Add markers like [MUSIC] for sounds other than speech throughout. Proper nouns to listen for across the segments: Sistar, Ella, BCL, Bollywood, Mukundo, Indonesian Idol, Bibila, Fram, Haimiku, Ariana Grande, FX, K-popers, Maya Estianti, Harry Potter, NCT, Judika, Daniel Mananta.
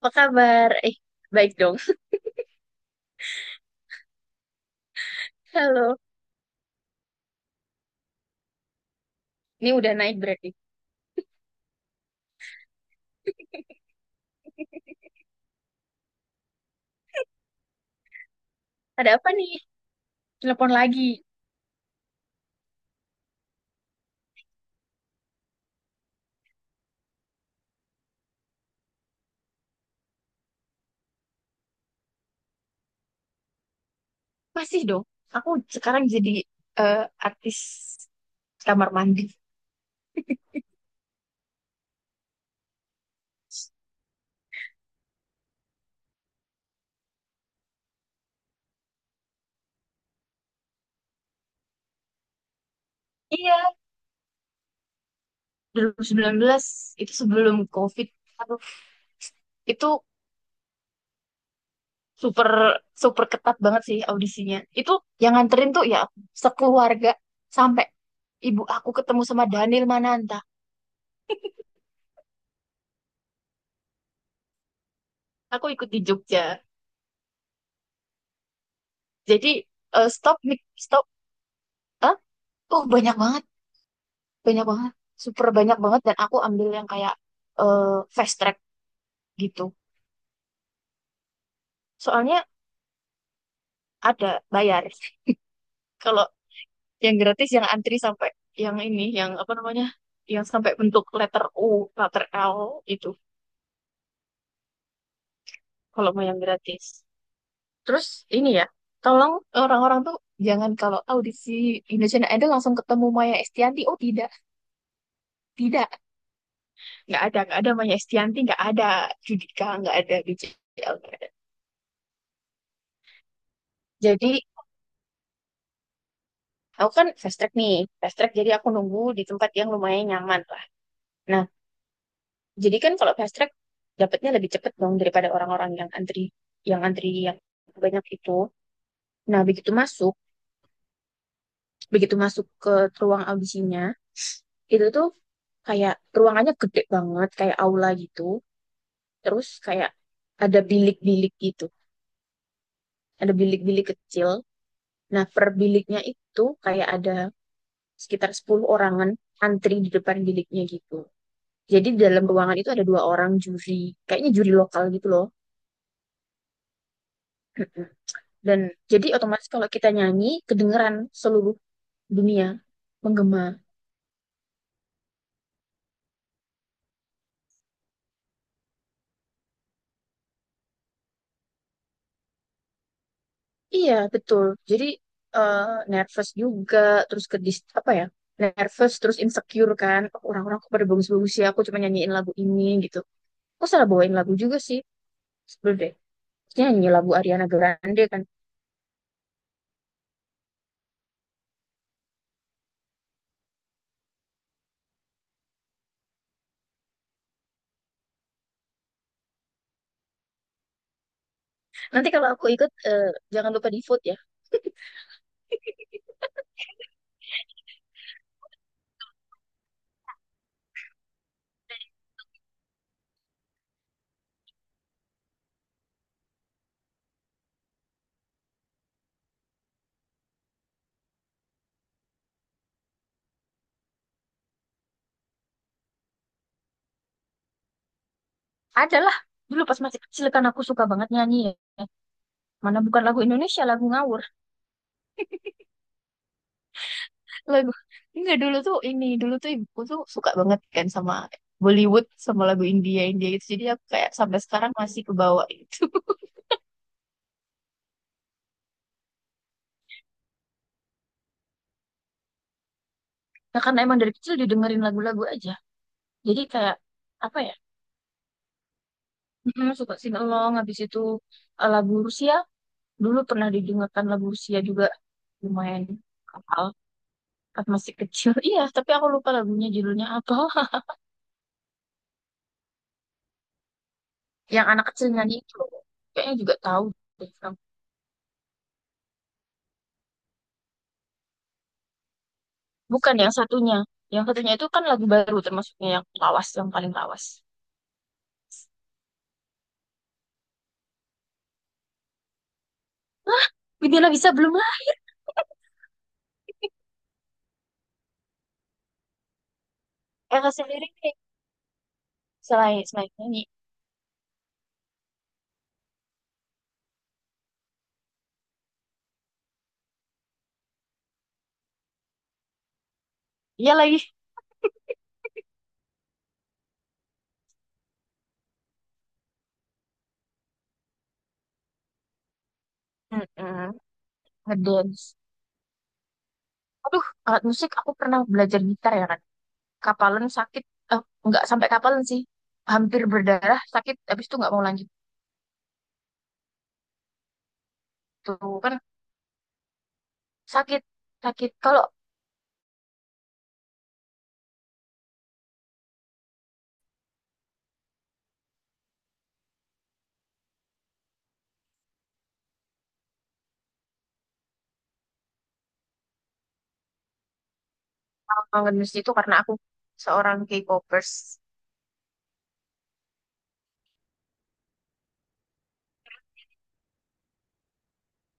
Apa kabar? Baik dong. [LAUGHS] Halo. Ini udah naik berarti. [LAUGHS] Ada apa nih? Telepon lagi. Masih dong. Aku sekarang jadi eh, artis kamar mandi. Iya, 2019 itu sebelum COVID. Aduh, itu super super ketat banget sih audisinya. Itu yang nganterin tuh ya sekeluarga sampai ibu aku ketemu sama Daniel Mananta. Aku ikut di Jogja. Jadi stop mic, stop. Hah? Oh, banyak banget. Banyak banget super banyak banget dan aku ambil yang kayak eh, fast track gitu soalnya ada bayar. [LAUGHS] Kalau yang gratis yang antri sampai yang ini yang apa namanya, yang sampai bentuk letter U letter L itu, kalau mau yang gratis terus ini ya, tolong orang-orang tuh jangan kalau audisi Indonesian Idol langsung ketemu Maya Estianti. Oh tidak, tidak, nggak ada, nggak ada Maya Estianti, nggak ada Judika, nggak ada BCL, nggak ada. Jadi aku kan fast track nih, fast track jadi aku nunggu di tempat yang lumayan nyaman lah. Nah, jadi kan kalau fast track dapatnya lebih cepet dong daripada orang-orang yang antri, yang antri yang banyak itu. Nah, begitu masuk ke ruang audisinya, itu tuh kayak ruangannya gede banget, kayak aula gitu. Terus kayak ada bilik-bilik gitu, ada bilik-bilik kecil. Nah, per biliknya itu kayak ada sekitar 10 orangan antri di depan biliknya gitu. Jadi di dalam ruangan itu ada 2 orang juri, kayaknya juri lokal gitu loh. Mm-mm. Dan jadi otomatis kalau kita nyanyi kedengeran seluruh dunia menggema. Iya, betul. Jadi eh, nervous juga, terus apa ya? Nervous terus insecure kan. Oh, orang-orang kok pada bagus-bagus ya, aku cuma nyanyiin lagu ini gitu. Aku salah bawain lagu juga sih. Sebelum deh. Terus nyanyi lagu Ariana Grande kan. Nanti kalau aku ikut eh, jangan lupa di vote ya. Adalah dulu pas masih kecil kan aku suka banget nyanyi ya. Mana bukan lagu Indonesia, lagu ngawur. Lagu enggak dulu tuh ini, dulu tuh ibuku tuh suka banget kan sama Bollywood sama lagu India India gitu. Jadi aku kayak sampai sekarang masih kebawa itu. [LAUGHS] Nah, karena emang dari kecil didengerin lagu-lagu aja. Jadi kayak apa ya? Suka singalong habis itu lagu Rusia. Dulu pernah didengarkan lagu Rusia juga lumayan kapal pas masih kecil. [LAUGHS] Iya, tapi aku lupa lagunya judulnya apa. Yang anak kecilnya nyanyi itu kayaknya juga tahu deh Fram. Bukan yang satunya, yang satunya itu kan lagu baru termasuknya yang lawas yang paling lawas. Bibila bisa belum lah. Ella sendiri nih, selain selain nyanyi dia lagi mm ngedance. Aduh, alat musik aku pernah belajar gitar ya kan. Kapalan sakit, eh, nggak sampai kapalan sih, hampir berdarah, sakit habis itu nggak mau lanjut. Tuh kan sakit sakit kalau ngedance itu karena aku seorang K-popers.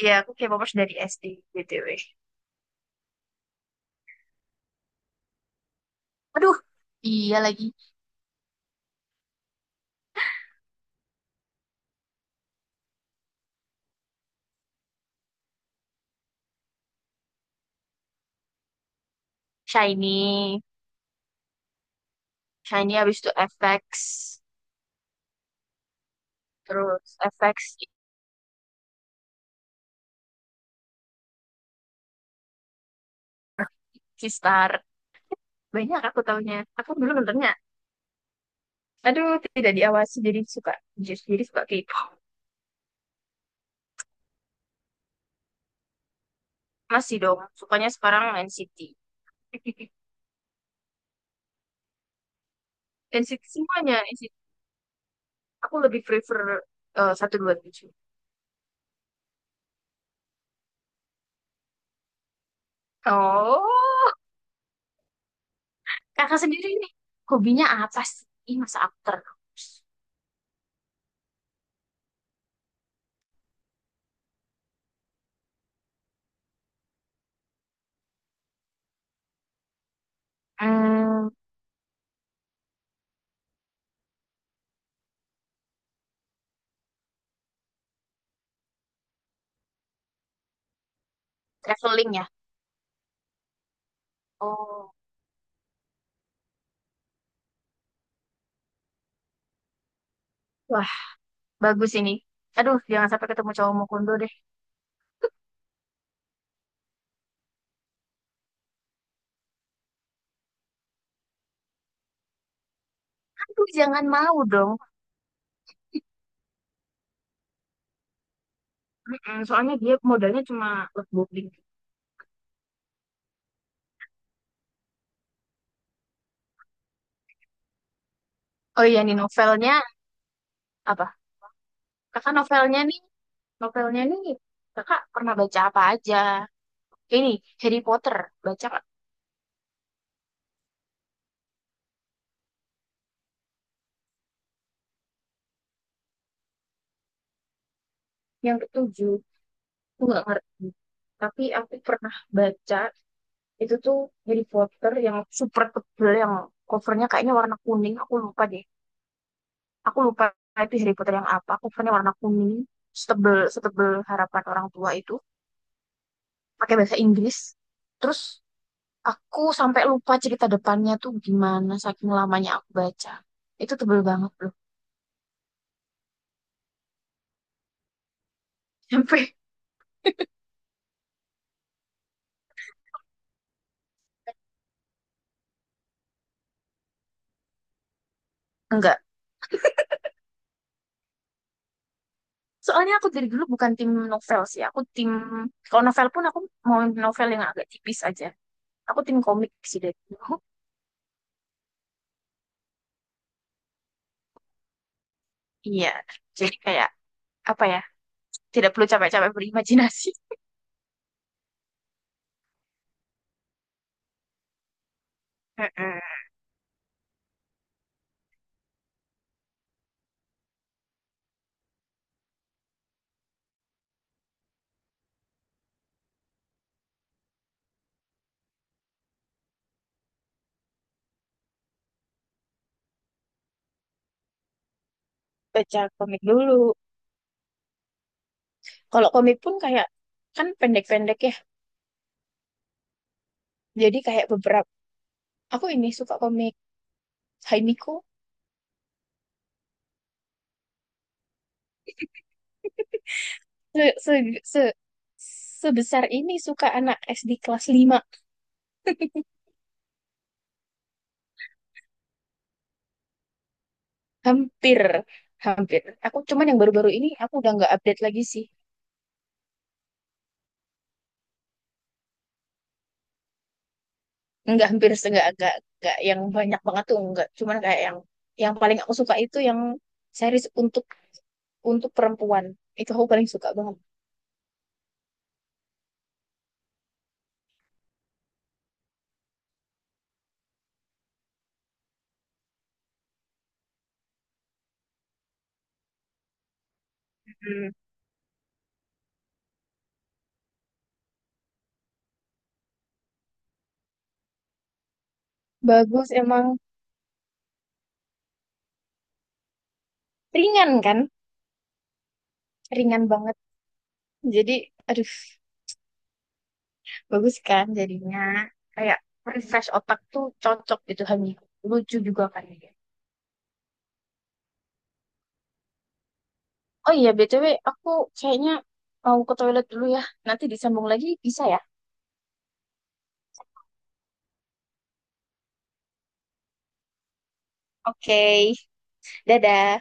Iya, aku K-popers dari SD, BTW. Aduh, iya lagi. Shiny. Shiny habis itu FX. Terus FX, Sistar. Banyak aku taunya. Aku dulu nontonnya. Aduh, tidak diawasi jadi suka. Jadi suka K-pop. Masih dong, sukanya sekarang NCT. NCT [LAUGHS] semuanya. NCT. Aku lebih prefer 127. Oh, kakak sendiri nih. Hobinya apa sih? Ih, masa aku terus. Hmm, traveling ya? Oh. Wah, bagus ini. Aduh, jangan sampai ketemu cowok Mukundo deh. Aduh, jangan mau dong. Mm-mm, soalnya dia modalnya cuma love bombing. Oh iya nih, novelnya apa? Kakak novelnya nih kakak pernah baca apa aja? Ini Harry Potter, baca nggak? Yang ketujuh. Aku nggak ngerti. Tapi aku pernah baca itu tuh Harry Potter yang super tebel, yang covernya kayaknya warna kuning. Aku lupa deh. Aku lupa itu Harry Potter yang apa, covernya warna kuning, setebel setebel harapan orang tua itu, pakai bahasa Inggris terus aku sampai lupa cerita depannya tuh gimana saking lamanya aku baca. Itu tebel banget loh. [LAUGHS] Sampai enggak soalnya aku dari dulu bukan tim novel sih, aku tim, kalau novel pun aku mau novel yang agak tipis aja. Aku tim komik sih dari dulu. Iya, jadi kayak apa ya, tidak perlu capek-capek berimajinasi. [LAUGHS] Heeh. Baca komik dulu. Kalau komik pun kayak kan pendek-pendek ya. Jadi kayak beberapa aku ini suka komik Haimiku, se, se, se, sebesar ini suka anak SD kelas 5. Hampir hampir. Aku cuman yang baru-baru ini aku udah nggak update lagi sih. Nggak hampir nggak yang banyak banget tuh nggak. Cuman kayak yang paling aku suka itu yang series untuk perempuan. Itu aku paling suka banget. Hmm. Bagus emang ringan kan? Ringan banget. Jadi aduh bagus kan jadinya kayak refresh otak tuh cocok gitu Hani, lucu juga kan dia. Oh iya BTW, aku kayaknya mau ke toilet dulu ya, nanti disambung lagi bisa ya. Oke, dadah.